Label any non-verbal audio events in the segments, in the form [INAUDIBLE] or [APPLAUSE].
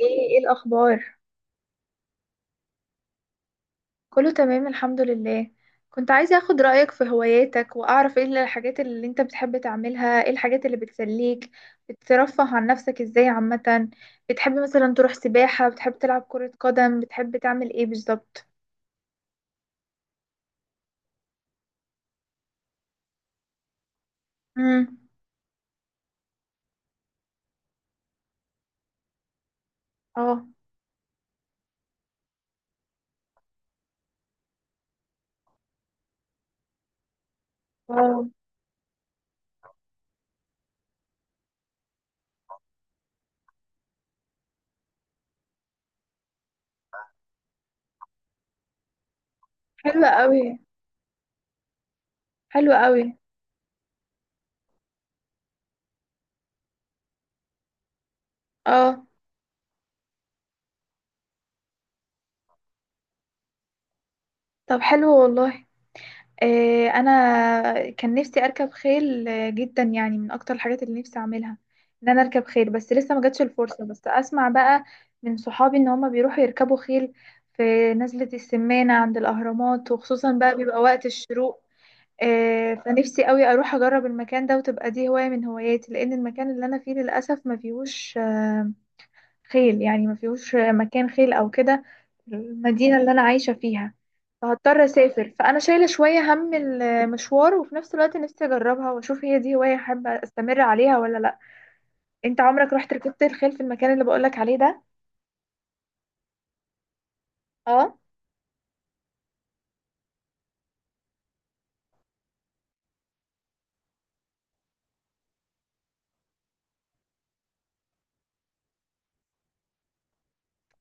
ايه الاخبار؟ كله تمام، الحمد لله. كنت عايزة اخد رأيك في هواياتك واعرف ايه الحاجات اللي انت بتحب تعملها، ايه الحاجات اللي بتسليك، بترفه عن نفسك ازاي عامة. بتحب مثلا تروح سباحة؟ بتحب تلعب كرة قدم؟ بتحب تعمل ايه بالظبط؟ امم. اه. واو. حلوة قوي. حلوة قوي. اه. طب حلو والله. انا كان نفسي اركب خيل جدا، يعني من اكتر الحاجات اللي نفسي اعملها ان انا اركب خيل، بس لسه ما جاتش الفرصه. بس اسمع بقى من صحابي ان هما بيروحوا يركبوا خيل في نزلة السمانة عند الاهرامات، وخصوصا بقى بيبقى وقت الشروق. فنفسي قوي اروح اجرب المكان ده وتبقى دي هوايه من هواياتي، لان المكان اللي انا فيه للاسف ما فيهوش خيل، يعني ما فيهوش مكان خيل او كده، المدينة اللي انا عايشة فيها. فهضطر اسافر، فانا شايلة شوية هم المشوار، وفي نفس الوقت نفسي اجربها واشوف هي دي هواية احب استمر عليها ولا لا. انت عمرك رحت ركبت الخيل في المكان اللي بقولك عليه ده؟ اه.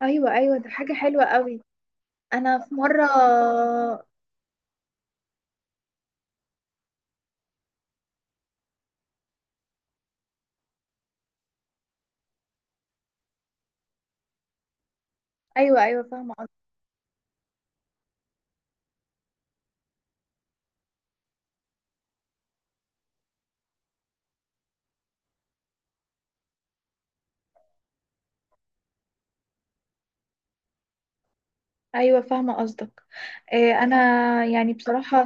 ايوه ايوه، ده حاجة حلوة قوي. انا في مرة. ايوه ايوه، فاهمة قصدك. ايوه فاهمة قصدك. إيه، انا يعني بصراحة،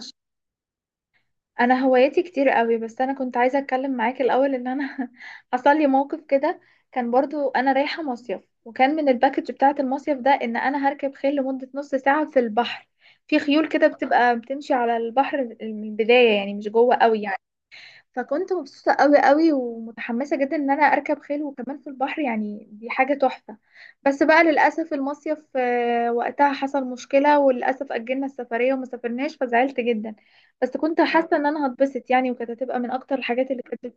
انا هواياتي كتير قوي. بس انا كنت عايزه اتكلم معاك الاول ان انا [LAUGHS] حصل لي موقف كده. كان برضو انا رايحه مصيف، وكان من الباكج بتاعه المصيف ده ان انا هركب خيل لمده نص ساعه في البحر. في خيول كده بتبقى بتمشي على البحر من البدايه، يعني مش جوه قوي يعني. فكنت مبسوطة قوي قوي ومتحمسة جدا ان انا اركب خيل وكمان في البحر، يعني دي حاجة تحفة. بس بقى للأسف المصيف وقتها حصل مشكلة، وللأسف أجلنا السفرية وما سافرناش، فزعلت جدا. بس كنت حاسة ان انا هتبسط يعني، وكانت هتبقى من اكتر الحاجات اللي كانت.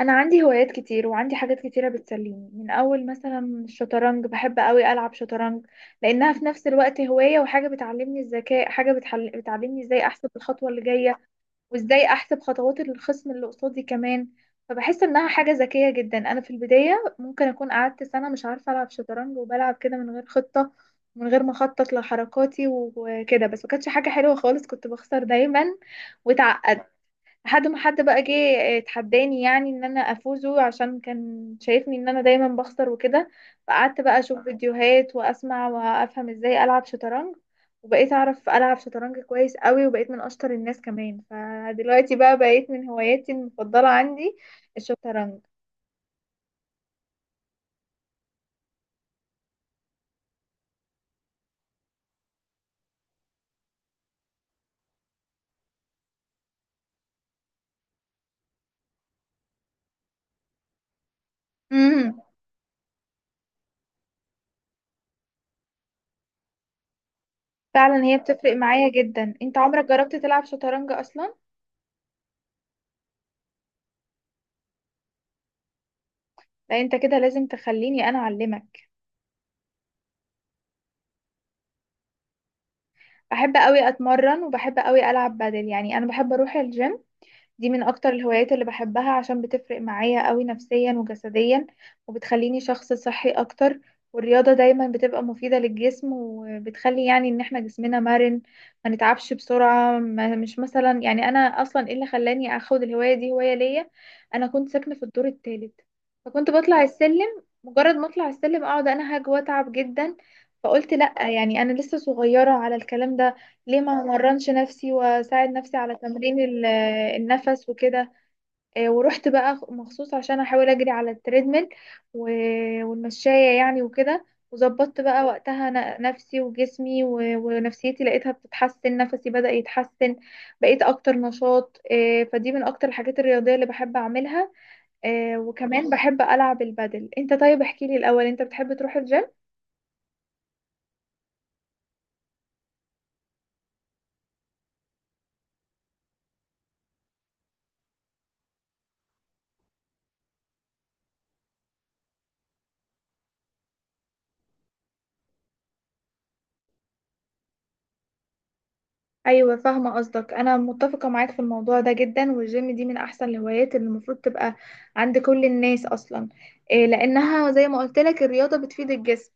انا عندي هوايات كتير وعندي حاجات كتيرة بتسليني، من اول مثلا الشطرنج. بحب قوي العب شطرنج، لانها في نفس الوقت هواية وحاجة بتعلمني الذكاء، حاجة بتعلمني ازاي احسب الخطوة اللي جاية، وازاي احسب خطوات الخصم اللي قصادي كمان. فبحس انها حاجة ذكية جدا. انا في البداية ممكن اكون قعدت سنة مش عارفة العب شطرنج، وبلعب كده من غير خطة، من غير ما اخطط لحركاتي وكده، بس ما كانتش حاجة حلوة خالص، كنت بخسر دايما واتعقد. لحد ما حد بقى جه اتحداني يعني ان انا افوزه، عشان كان شايفني ان انا دايما بخسر وكده. فقعدت بقى اشوف فيديوهات واسمع وافهم ازاي العب شطرنج، وبقيت اعرف العب شطرنج كويس قوي، وبقيت من اشطر الناس كمان، فدلوقتي بقى بقيت من هواياتي المفضلة عندي الشطرنج. امم فعلا هي بتفرق معايا جدا. انت عمرك جربت تلعب شطرنج اصلا؟ لا، انت كده لازم تخليني انا اعلمك. بحب قوي اتمرن وبحب قوي العب بدل، يعني انا بحب اروح الجيم. دي من اكتر الهوايات اللي بحبها، عشان بتفرق معايا قوي نفسيا وجسديا، وبتخليني شخص صحي اكتر. والرياضة دايما بتبقى مفيدة للجسم، وبتخلي يعني ان احنا جسمنا مرن، ما نتعبش بسرعة. ما مش مثلا، يعني انا اصلا ايه اللي خلاني اخد الهواية دي هواية ليا؟ انا كنت ساكنة في الدور الثالث، فكنت بطلع السلم، مجرد ما اطلع السلم اقعد انهج واتعب جدا. فقلت لا، يعني انا لسه صغيرة على الكلام ده، ليه ما مرنش نفسي واساعد نفسي على تمرين النفس وكده. ورحت بقى مخصوص عشان احاول اجري على التريدميل والمشاية يعني وكده. وظبطت بقى وقتها نفسي وجسمي ونفسيتي، لقيتها بتتحسن، نفسي بدأ يتحسن. بقيت اكتر نشاط فدي من اكتر الحاجات الرياضية اللي بحب اعملها. وكمان بحب العب البادل. انت طيب احكيلي الاول، انت بتحب تروح الجيم؟ ايوه فاهمه قصدك، انا متفقه معاك في الموضوع ده جدا، والجيم دي من احسن الهوايات اللي المفروض تبقى عند كل الناس اصلا. إيه لانها زي ما قلت لك، الرياضه بتفيد الجسم.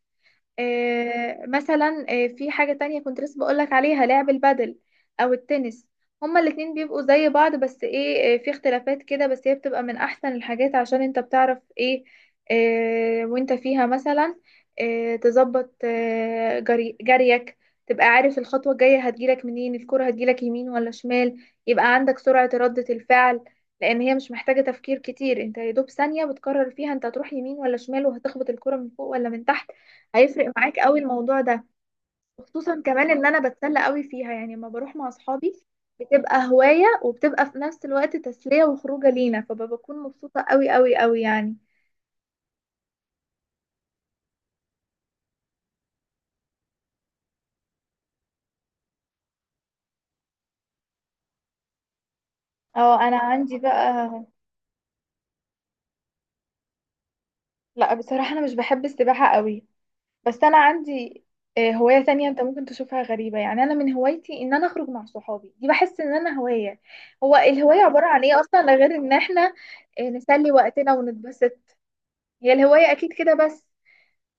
مثلا في حاجة تانية كنت لسه بقولك عليها، لعب البادل أو التنس. هما الاتنين بيبقوا زي بعض، بس ايه، في اختلافات كده، بس هي بتبقى من أحسن الحاجات، عشان انت بتعرف ايه، وانت فيها مثلا تظبط جريك، تبقى عارف الخطوة الجاية هتجيلك منين، الكرة هتجيلك يمين ولا شمال. يبقى عندك سرعة ردة الفعل، لأن هي مش محتاجة تفكير كتير، انت يا دوب ثانية بتقرر فيها انت هتروح يمين ولا شمال، وهتخبط الكرة من فوق ولا من تحت. هيفرق معاك قوي الموضوع ده. خصوصا كمان ان انا بتسلى قوي فيها، يعني لما بروح مع اصحابي بتبقى هواية، وبتبقى في نفس الوقت تسلية وخروجة لينا، فبكون مبسوطة قوي قوي قوي يعني. اه، انا عندي بقى. لا بصراحة، انا مش بحب السباحة قوي. بس انا عندي هواية تانية انت ممكن تشوفها غريبة، يعني انا من هوايتي ان انا اخرج مع صحابي، دي بحس ان انا هواية. هو الهواية عبارة عن ايه اصلا غير ان احنا نسلي وقتنا ونتبسط؟ هي الهواية اكيد كده بس.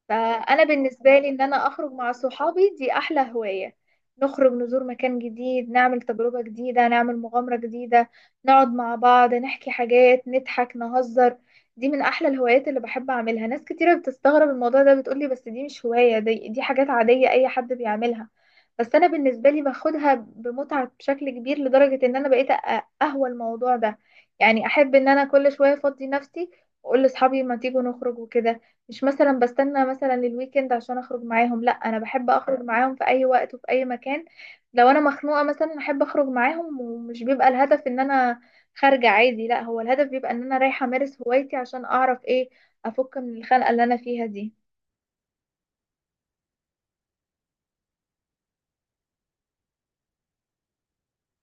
فأنا بالنسبة لي إن أنا أخرج مع صحابي دي أحلى هواية. نخرج، نزور مكان جديد، نعمل تجربة جديدة، نعمل مغامرة جديدة، نقعد مع بعض نحكي حاجات، نضحك، نهزر. دي من أحلى الهوايات اللي بحب أعملها. ناس كتيرة بتستغرب الموضوع ده، بتقولي بس دي مش هواية، دي حاجات عادية أي حد بيعملها. بس أنا بالنسبة لي باخدها بمتعة بشكل كبير، لدرجة إن أنا بقيت أهوى الموضوع ده. يعني أحب إن أنا كل شوية أفضي نفسي، وأقول لأصحابي ما تيجوا نخرج وكده. مش مثلا بستنى مثلا الويكند عشان اخرج معاهم، لا انا بحب اخرج معاهم في اي وقت وفي اي مكان. لو انا مخنوقة مثلا احب اخرج معاهم، ومش بيبقى الهدف ان انا خارجة عادي، لا هو الهدف بيبقى ان انا رايحة امارس هوايتي، عشان اعرف ايه، افك من الخنقة اللي انا فيها دي.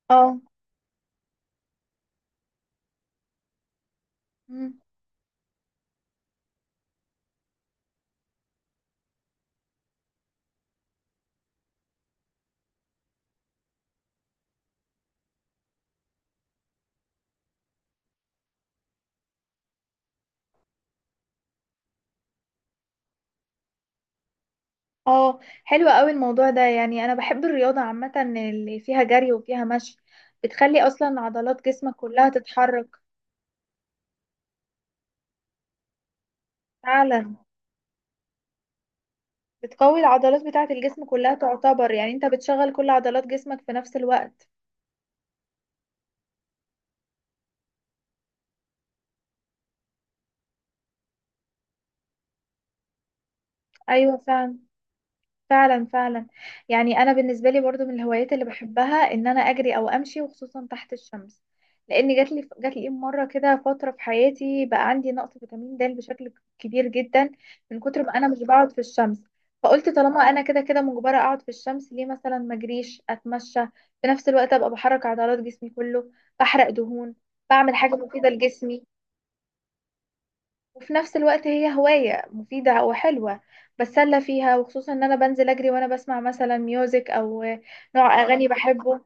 اه. مم. اه حلو قوي الموضوع ده. يعني انا بحب الرياضة عامة اللي فيها جري وفيها مشي، بتخلي اصلا عضلات جسمك كلها تتحرك. فعلا. بتقوي العضلات بتاعة الجسم كلها، تعتبر يعني انت بتشغل كل عضلات جسمك في نفس الوقت. ايوه فعلا. فعلا فعلا. يعني انا بالنسبة لي برضو من الهوايات اللي بحبها ان انا اجري او امشي، وخصوصا تحت الشمس. لان جات لي مرة كده فترة في حياتي بقى عندي نقص فيتامين د بشكل كبير جدا، من كتر ما انا مش بقعد في الشمس. فقلت طالما انا كده كده مجبرة اقعد في الشمس، ليه مثلا ما اجريش، اتمشى، في نفس الوقت ابقى بحرك عضلات جسمي كله، بحرق دهون، بعمل حاجة مفيدة لجسمي. وفي نفس الوقت هي هواية مفيدة وحلوة، بتسلى فيها، وخصوصا ان انا بنزل اجري وانا بسمع مثلا ميوزك او نوع اغاني بحبه.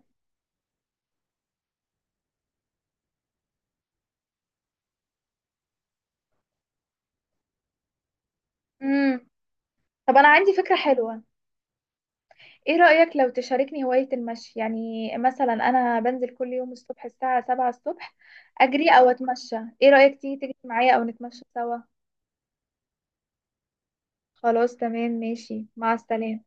امم طب انا عندي فكرة حلوة. ايه رأيك لو تشاركني هواية المشي؟ يعني مثلا انا بنزل كل يوم الصبح الساعة 7 الصبح اجري او اتمشى، ايه رأيك تيجي تجري معايا او نتمشى سوا؟ خلاص تمام، ماشي، مع السلامة.